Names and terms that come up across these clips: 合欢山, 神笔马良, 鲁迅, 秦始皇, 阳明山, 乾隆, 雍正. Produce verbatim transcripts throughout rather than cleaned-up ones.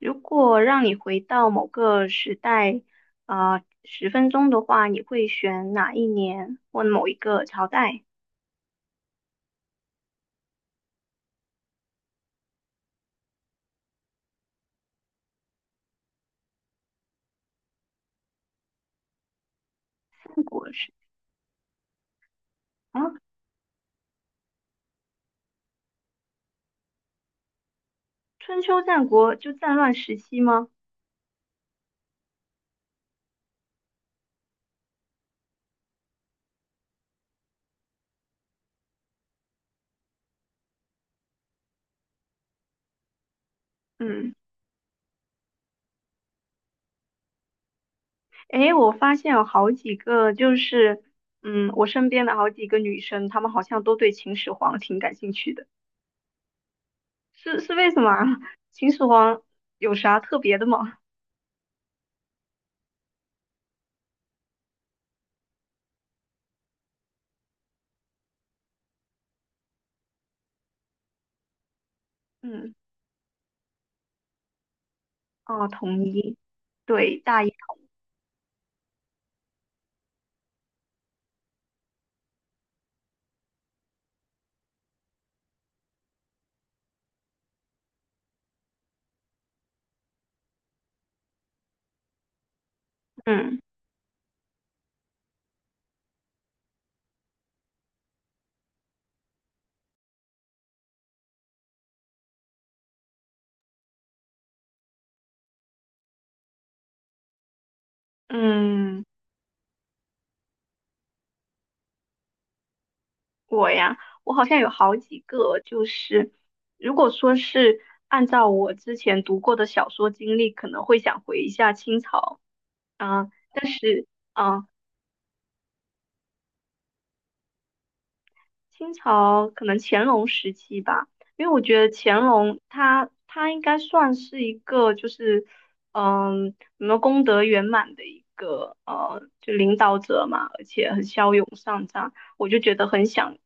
如果让你回到某个时代，啊、十分钟的话，你会选哪一年或某一个朝代？战国时啊，春秋战国就战乱时期吗？嗯，诶，我发现有好几个，就是嗯，我身边的好几个女生，她们好像都对秦始皇挺感兴趣的，是是为什么啊？秦始皇有啥特别的吗？嗯，哦，统一，对，大一，嗯嗯。我呀，我好像有好几个，就是如果说是按照我之前读过的小说经历，可能会想回一下清朝啊，但是啊，清朝可能乾隆时期吧，因为我觉得乾隆他他应该算是一个就是嗯，什么功德圆满的一个呃，就领导者嘛，而且很骁勇善战，我就觉得很想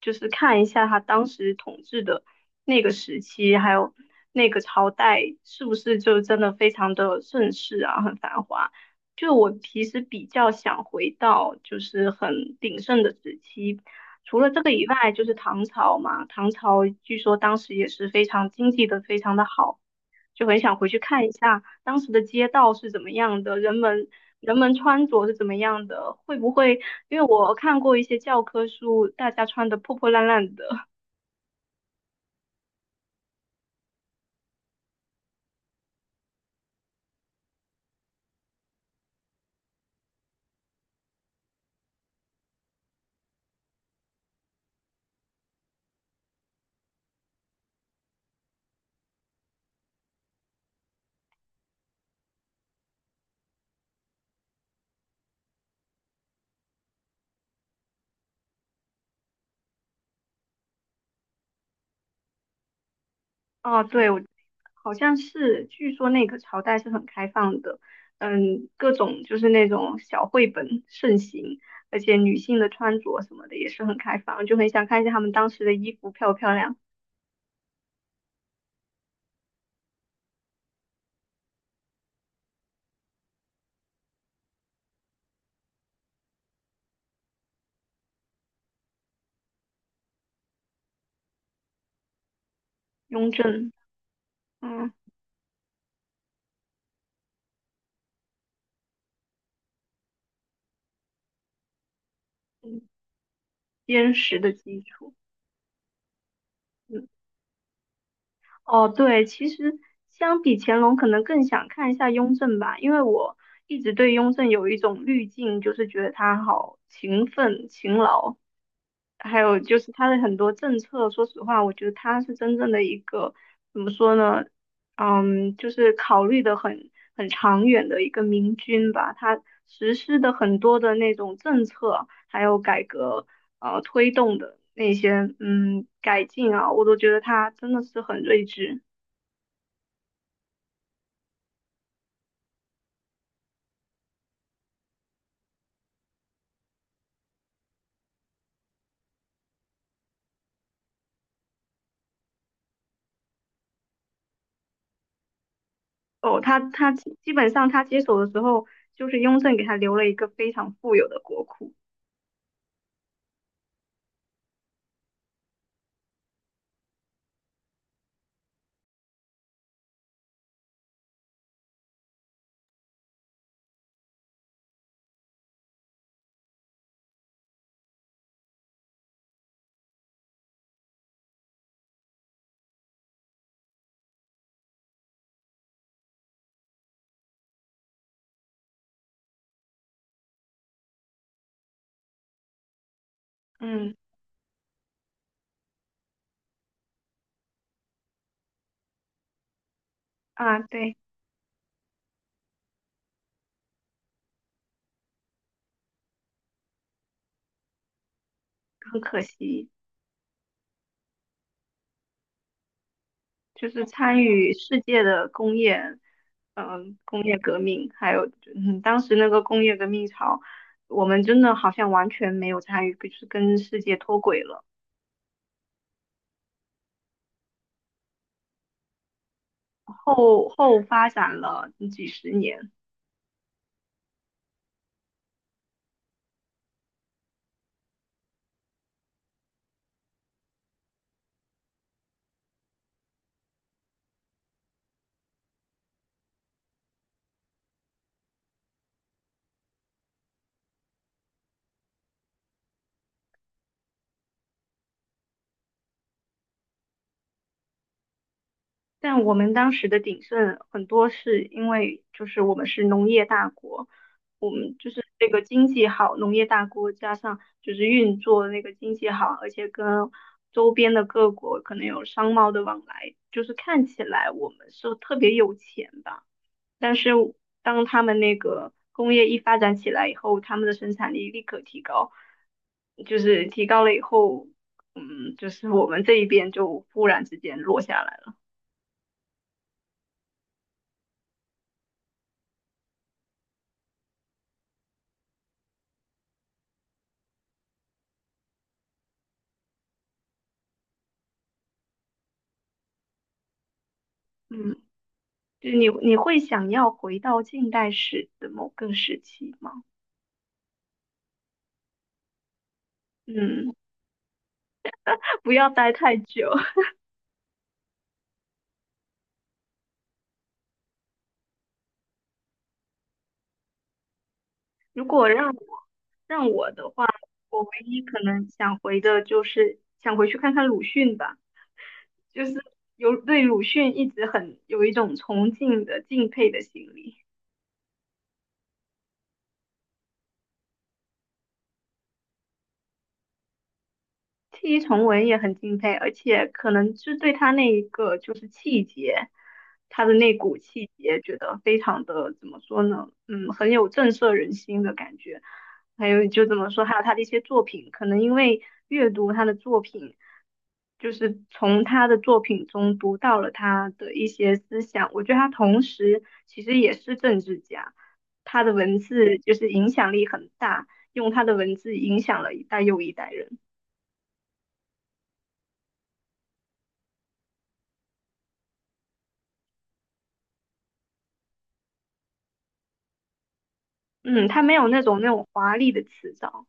就是看一下他当时统治的那个时期，还有那个朝代是不是就真的非常的盛世啊，很繁华。就我其实比较想回到就是很鼎盛的时期，除了这个以外，就是唐朝嘛，唐朝据说当时也是非常经济的，非常的好，就很想回去看一下当时的街道是怎么样的，人们人们穿着是怎么样的，会不会因为我看过一些教科书，大家穿的破破烂烂的啊，对，我好像是，据说那个朝代是很开放的，嗯，各种就是那种小绘本盛行。而且女性的穿着什么的也是很开放，就很想看一下她们当时的衣服漂不漂亮。雍正，嗯，嗯坚实的基础，嗯，哦，对，其实相比乾隆，可能更想看一下雍正吧，因为我一直对雍正有一种滤镜，就是觉得他好勤奋、勤劳，还有就是他的很多政策，说实话，我觉得他是真正的一个怎么说呢？嗯，就是考虑的很很长远的一个明君吧。他实施的很多的那种政策，还有改革，呃，推动的那些嗯改进啊，我都觉得他真的是很睿智。哦，他他基基本上他接手的时候，就是雍正给他留了一个非常富有的国库。嗯啊，对，很可惜。就是参与世界的工业，嗯、工业革命，还有嗯，当时那个工业革命潮，我们真的好像完全没有参与，就是跟世界脱轨了，后后发展了几十年。但我们当时的鼎盛很多是因为就是我们是农业大国，我们就是这个经济好，农业大国加上就是运作那个经济好，而且跟周边的各国可能有商贸的往来，就是看起来我们是特别有钱吧。但是当他们那个工业一发展起来以后，他们的生产力立刻提高，就是提高了以后，嗯，就是我们这一边就忽然之间落下来了。嗯。就你你会想要回到近代史的某个时期吗？嗯，不要待太久。如果让我让我的话，我唯一可能想回的就是想回去看看鲁迅吧，就是有对鲁迅一直很有一种崇敬的敬佩的心理。弃医从文也很敬佩，而且可能是对他那一个就是气节，他的那股气节，觉得非常的怎么说呢？嗯，很有震慑人心的感觉。还有就怎么说，还有他的一些作品，可能因为阅读他的作品，就是从他的作品中读到了他的一些思想。我觉得他同时其实也是政治家，他的文字就是影响力很大，用他的文字影响了一代又一代人。嗯，它没有那种那种华丽的词藻，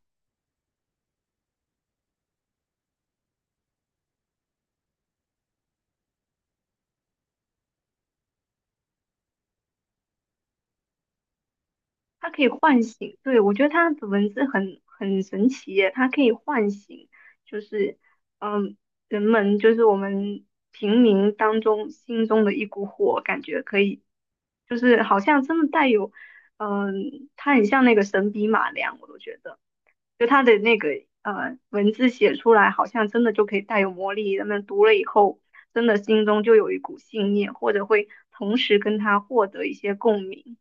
它可以唤醒。对，我觉得它的文字很很神奇耶，它可以唤醒，就是嗯，人们就是我们平民当中心中的一股火，感觉可以，就是好像真的带有，嗯，它很像那个神笔马良，我都觉得。就他的那个呃文字写出来，好像真的就可以带有魔力。人们读了以后，真的心中就有一股信念，或者会同时跟他获得一些共鸣。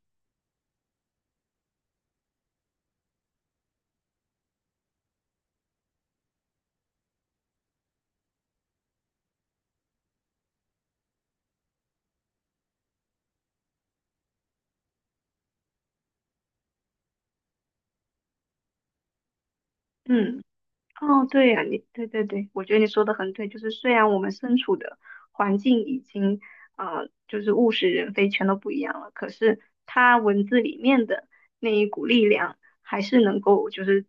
嗯。哦，对呀，你对对对，我觉得你说的很对，就是虽然我们身处的环境已经呃，就是物是人非，全都不一样了，可是他文字里面的那一股力量，还是能够就是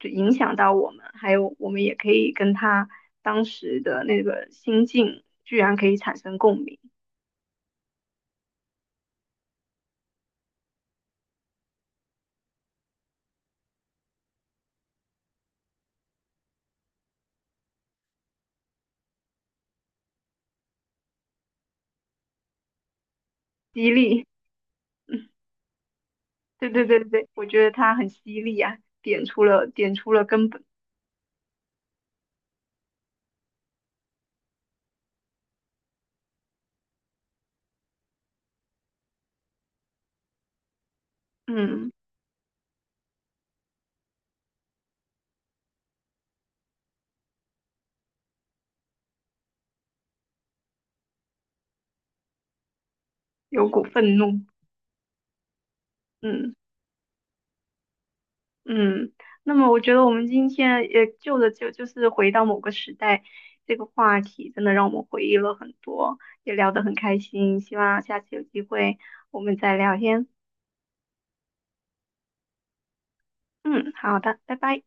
就影响到我们，还有我们也可以跟他当时的那个心境，居然可以产生共鸣，激励，嗯，对对对对，我觉得他很犀利啊，点出了点出了根本，嗯，有股愤怒，嗯。嗯，那么我觉得我们今天也就着就就是回到某个时代这个话题，真的让我们回忆了很多，也聊得很开心。希望下次有机会我们再聊天。嗯，好的，拜拜。